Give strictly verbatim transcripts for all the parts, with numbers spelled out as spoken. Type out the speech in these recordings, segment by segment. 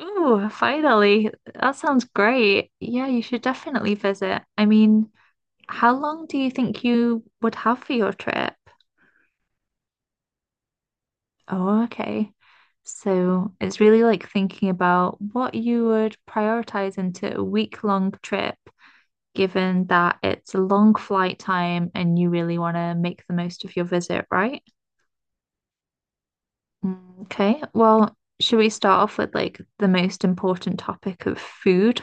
Ooh, finally. That sounds great. Yeah, you should definitely visit. I mean, how long do you think you would have for your trip? Oh, okay. So it's really like thinking about what you would prioritize into a week-long trip, given that it's a long flight time and you really want to make the most of your visit, right? Mm, Okay, well, should we start off with like the most important topic of food?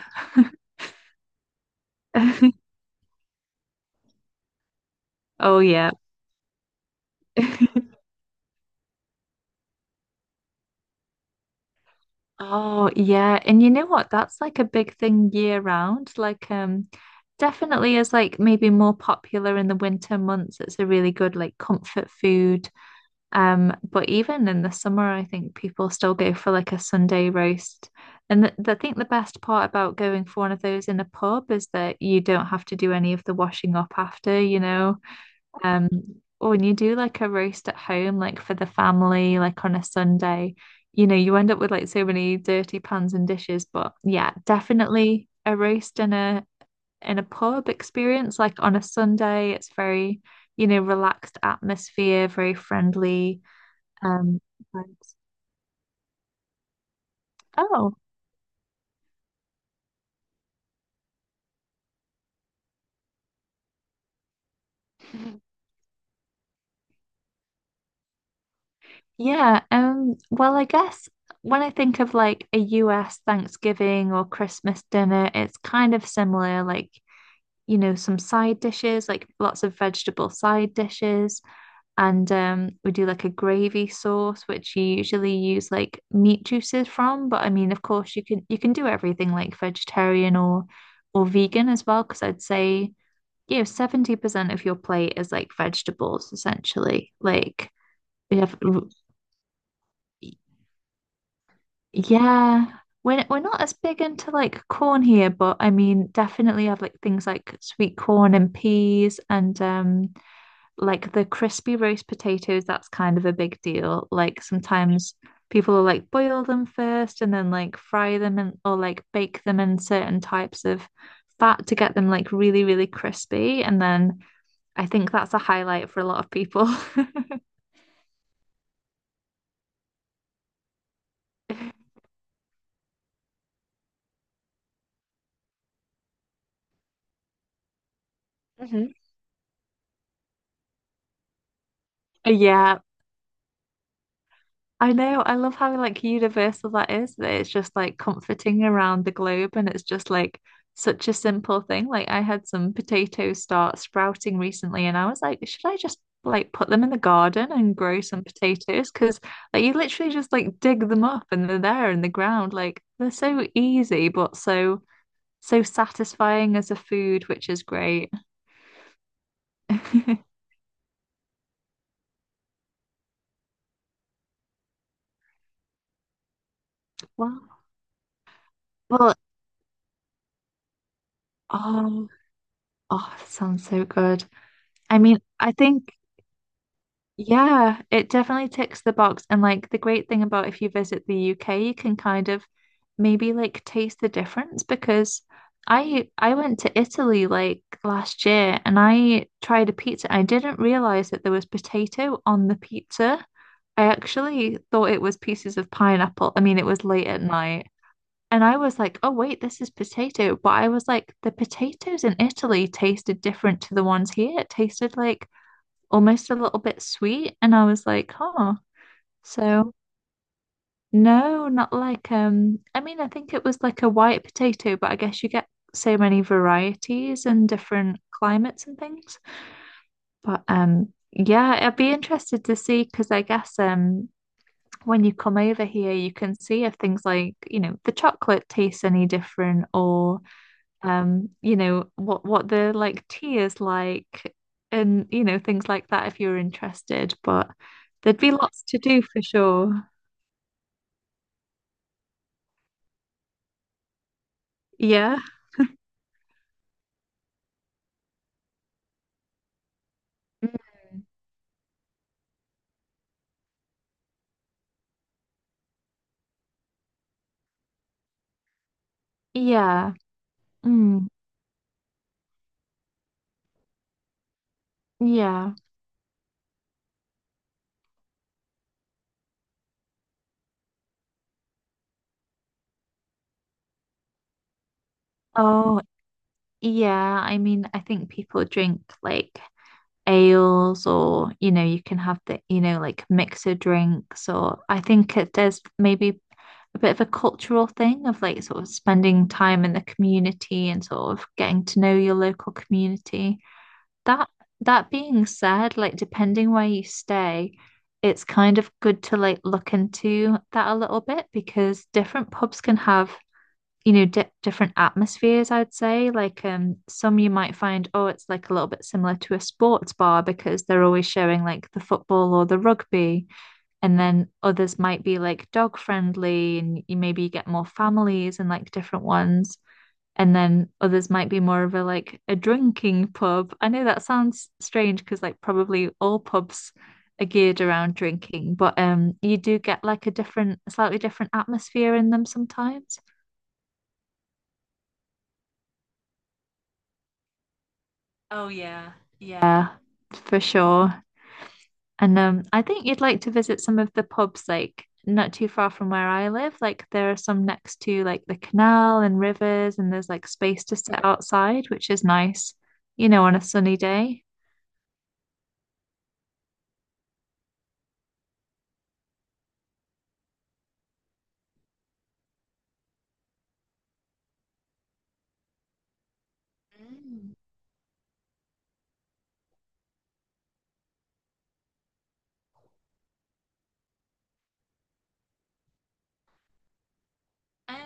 Oh, yeah. Oh, yeah. And you know what? That's like a big thing year round. Like, um, definitely is like maybe more popular in the winter months. It's a really good like comfort food. Um, but even in the summer, I think people still go for like a Sunday roast. And th I think the best part about going for one of those in a pub is that you don't have to do any of the washing up after, you know. Um, or when you do like a roast at home, like for the family, like on a Sunday, you know, you end up with like so many dirty pans and dishes. But yeah, definitely a roast in a in a pub experience, like on a Sunday, it's very, you know, relaxed atmosphere, very friendly. Um, Vibes. Oh, yeah. Um, well, I guess when I think of like a U S Thanksgiving or Christmas dinner, it's kind of similar. Like you know, some side dishes, like lots of vegetable side dishes. And um, we do like a gravy sauce, which you usually use like meat juices from. But I mean, of course, you can you can do everything like vegetarian or or vegan as well, because I'd say, you know, seventy percent of your plate is like vegetables essentially. Like we have, yeah. We're, we're not as big into like corn here, but I mean, definitely have like things like sweet corn and peas and um like the crispy roast potatoes, that's kind of a big deal. Like sometimes people will like boil them first and then like fry them and or like bake them in certain types of fat to get them like really, really crispy. And then I think that's a highlight for a lot of people. Mhm. Yeah, I know. I love how like universal that is, that it's just like comforting around the globe and it's just like such a simple thing. Like I had some potatoes start sprouting recently and I was like, should I just like put them in the garden and grow some potatoes? Because like you literally just like dig them up and they're there in the ground. Like they're so easy but so so satisfying as a food, which is great. Wow. Well, oh, oh, sounds so good. I mean, I think yeah, it definitely ticks the box. And like the great thing about if you visit the U K, you can kind of maybe like taste the difference because I I went to Italy like last year and I tried a pizza. I didn't realize that there was potato on the pizza. I actually thought it was pieces of pineapple. I mean, it was late at night. And I was like, oh, wait, this is potato. But I was like, the potatoes in Italy tasted different to the ones here. It tasted like almost a little bit sweet. And I was like, huh. So no, not like um I mean I think it was like a white potato, but I guess you get so many varieties and different climates and things. But um yeah, I'd be interested to see because I guess um when you come over here you can see if things like, you know, the chocolate tastes any different or um, you know, what what the like tea is like and you know, things like that if you're interested. But there'd be lots to do for sure. Yeah. Mm. Yeah. Mm. Yeah. Oh, yeah. I mean, I think people drink like ales or, you know, you can have the, you know, like mixer drinks or I think it, there's maybe a bit of a cultural thing of like sort of spending time in the community and sort of getting to know your local community. That that being said, like depending where you stay, it's kind of good to like look into that a little bit because different pubs can have, you know, di different atmospheres, I'd say. Like um some you might find, oh, it's like a little bit similar to a sports bar because they're always showing like the football or the rugby and then others might be like dog friendly, and you maybe get more families and like different ones. And then others might be more of a like a drinking pub. I know that sounds strange because like probably all pubs are geared around drinking, but um you do get like a different, slightly different atmosphere in them sometimes. Oh yeah, yeah. Yeah, for sure. And um, I think you'd like to visit some of the pubs, like not too far from where I live. Like there are some next to like the canal and rivers, and there's like space to sit outside, which is nice, you know, on a sunny day. Mm. Um,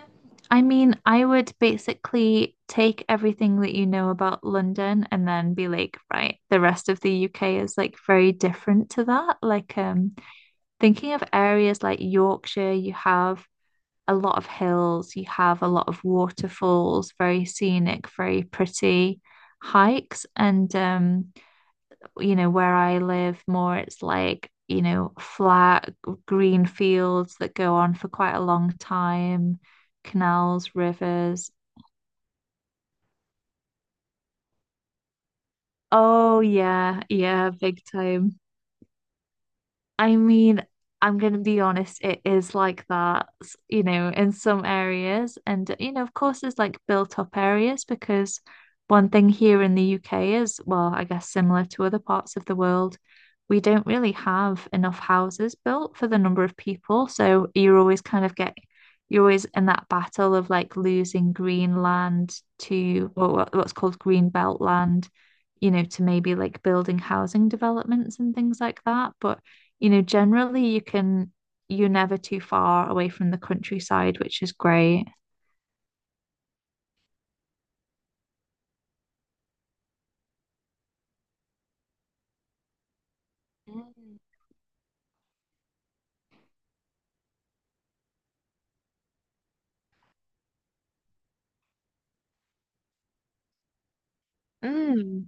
I mean, I would basically take everything that you know about London and then be like, right, the rest of the U K is like very different to that. Like, um, thinking of areas like Yorkshire, you have a lot of hills, you have a lot of waterfalls, very scenic, very pretty hikes. And, um, you know, where I live more, it's like, you know, flat green fields that go on for quite a long time, canals, rivers. Oh, yeah, yeah, big time. I mean, I'm going to be honest, it is like that, s- you know, in some areas. And, you know, of course, there's like built up areas because one thing here in the U K is, well, I guess similar to other parts of the world, we don't really have enough houses built for the number of people. So you're always kind of get, you're always in that battle of like losing green land to or what- what's called green belt land, you know, to maybe like building housing developments and things like that. But you know, generally you can, you're never too far away from the countryside, which is great. Mm.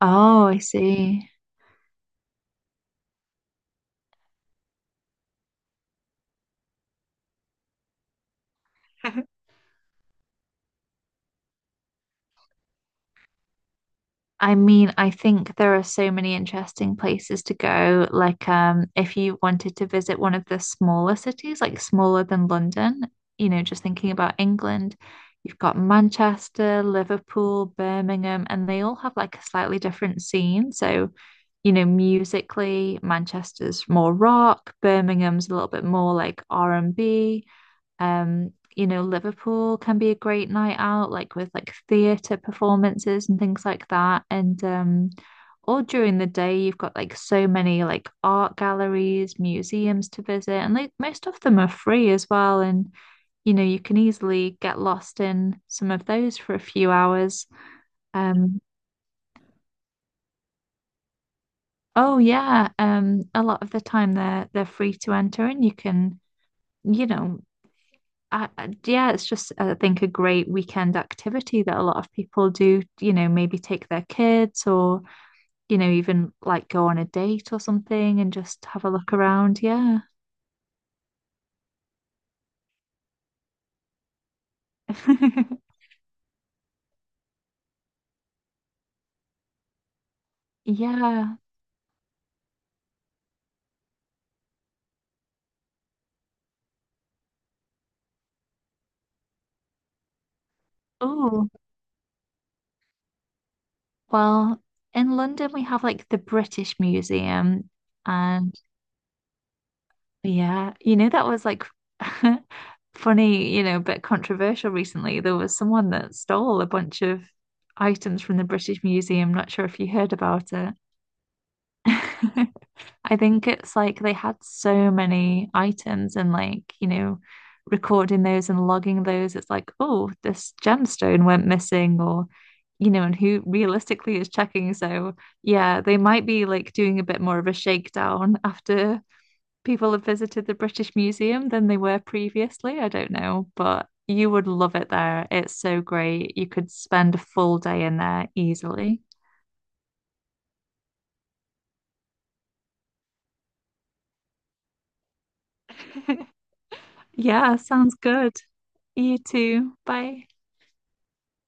Oh, I see. I mean, I think there are so many interesting places to go. Like, um, if you wanted to visit one of the smaller cities, like smaller than London, you know, just thinking about England, you've got Manchester, Liverpool, Birmingham, and they all have like a slightly different scene. So, you know, musically, Manchester's more rock, Birmingham's a little bit more like R and B. Um, you know, Liverpool can be a great night out, like with like theatre performances and things like that. And um, all during the day, you've got like so many like art galleries, museums to visit, and like most of them are free as well. And you know, you can easily get lost in some of those for a few hours. Um, oh yeah, um, a lot of the time they're they're free to enter, and you can, you know, I, I- yeah, it's just, I think, a great weekend activity that a lot of people do, you know, maybe take their kids or, you know, even like go on a date or something and just have a look around. Yeah. Yeah. Oh, well, in London, we have like the British Museum. And yeah, you know, that was like funny, you know, but controversial recently. There was someone that stole a bunch of items from the British Museum. Not sure if you heard about it. I think it's like they had so many items and like, you know, recording those and logging those. It's like, oh, this gemstone went missing or, you know, and who realistically is checking. So yeah, they might be like doing a bit more of a shakedown after people have visited the British Museum than they were previously. I don't know, but you would love it there. It's so great. You could spend a full day in there easily. Yeah, sounds good. You too. Bye.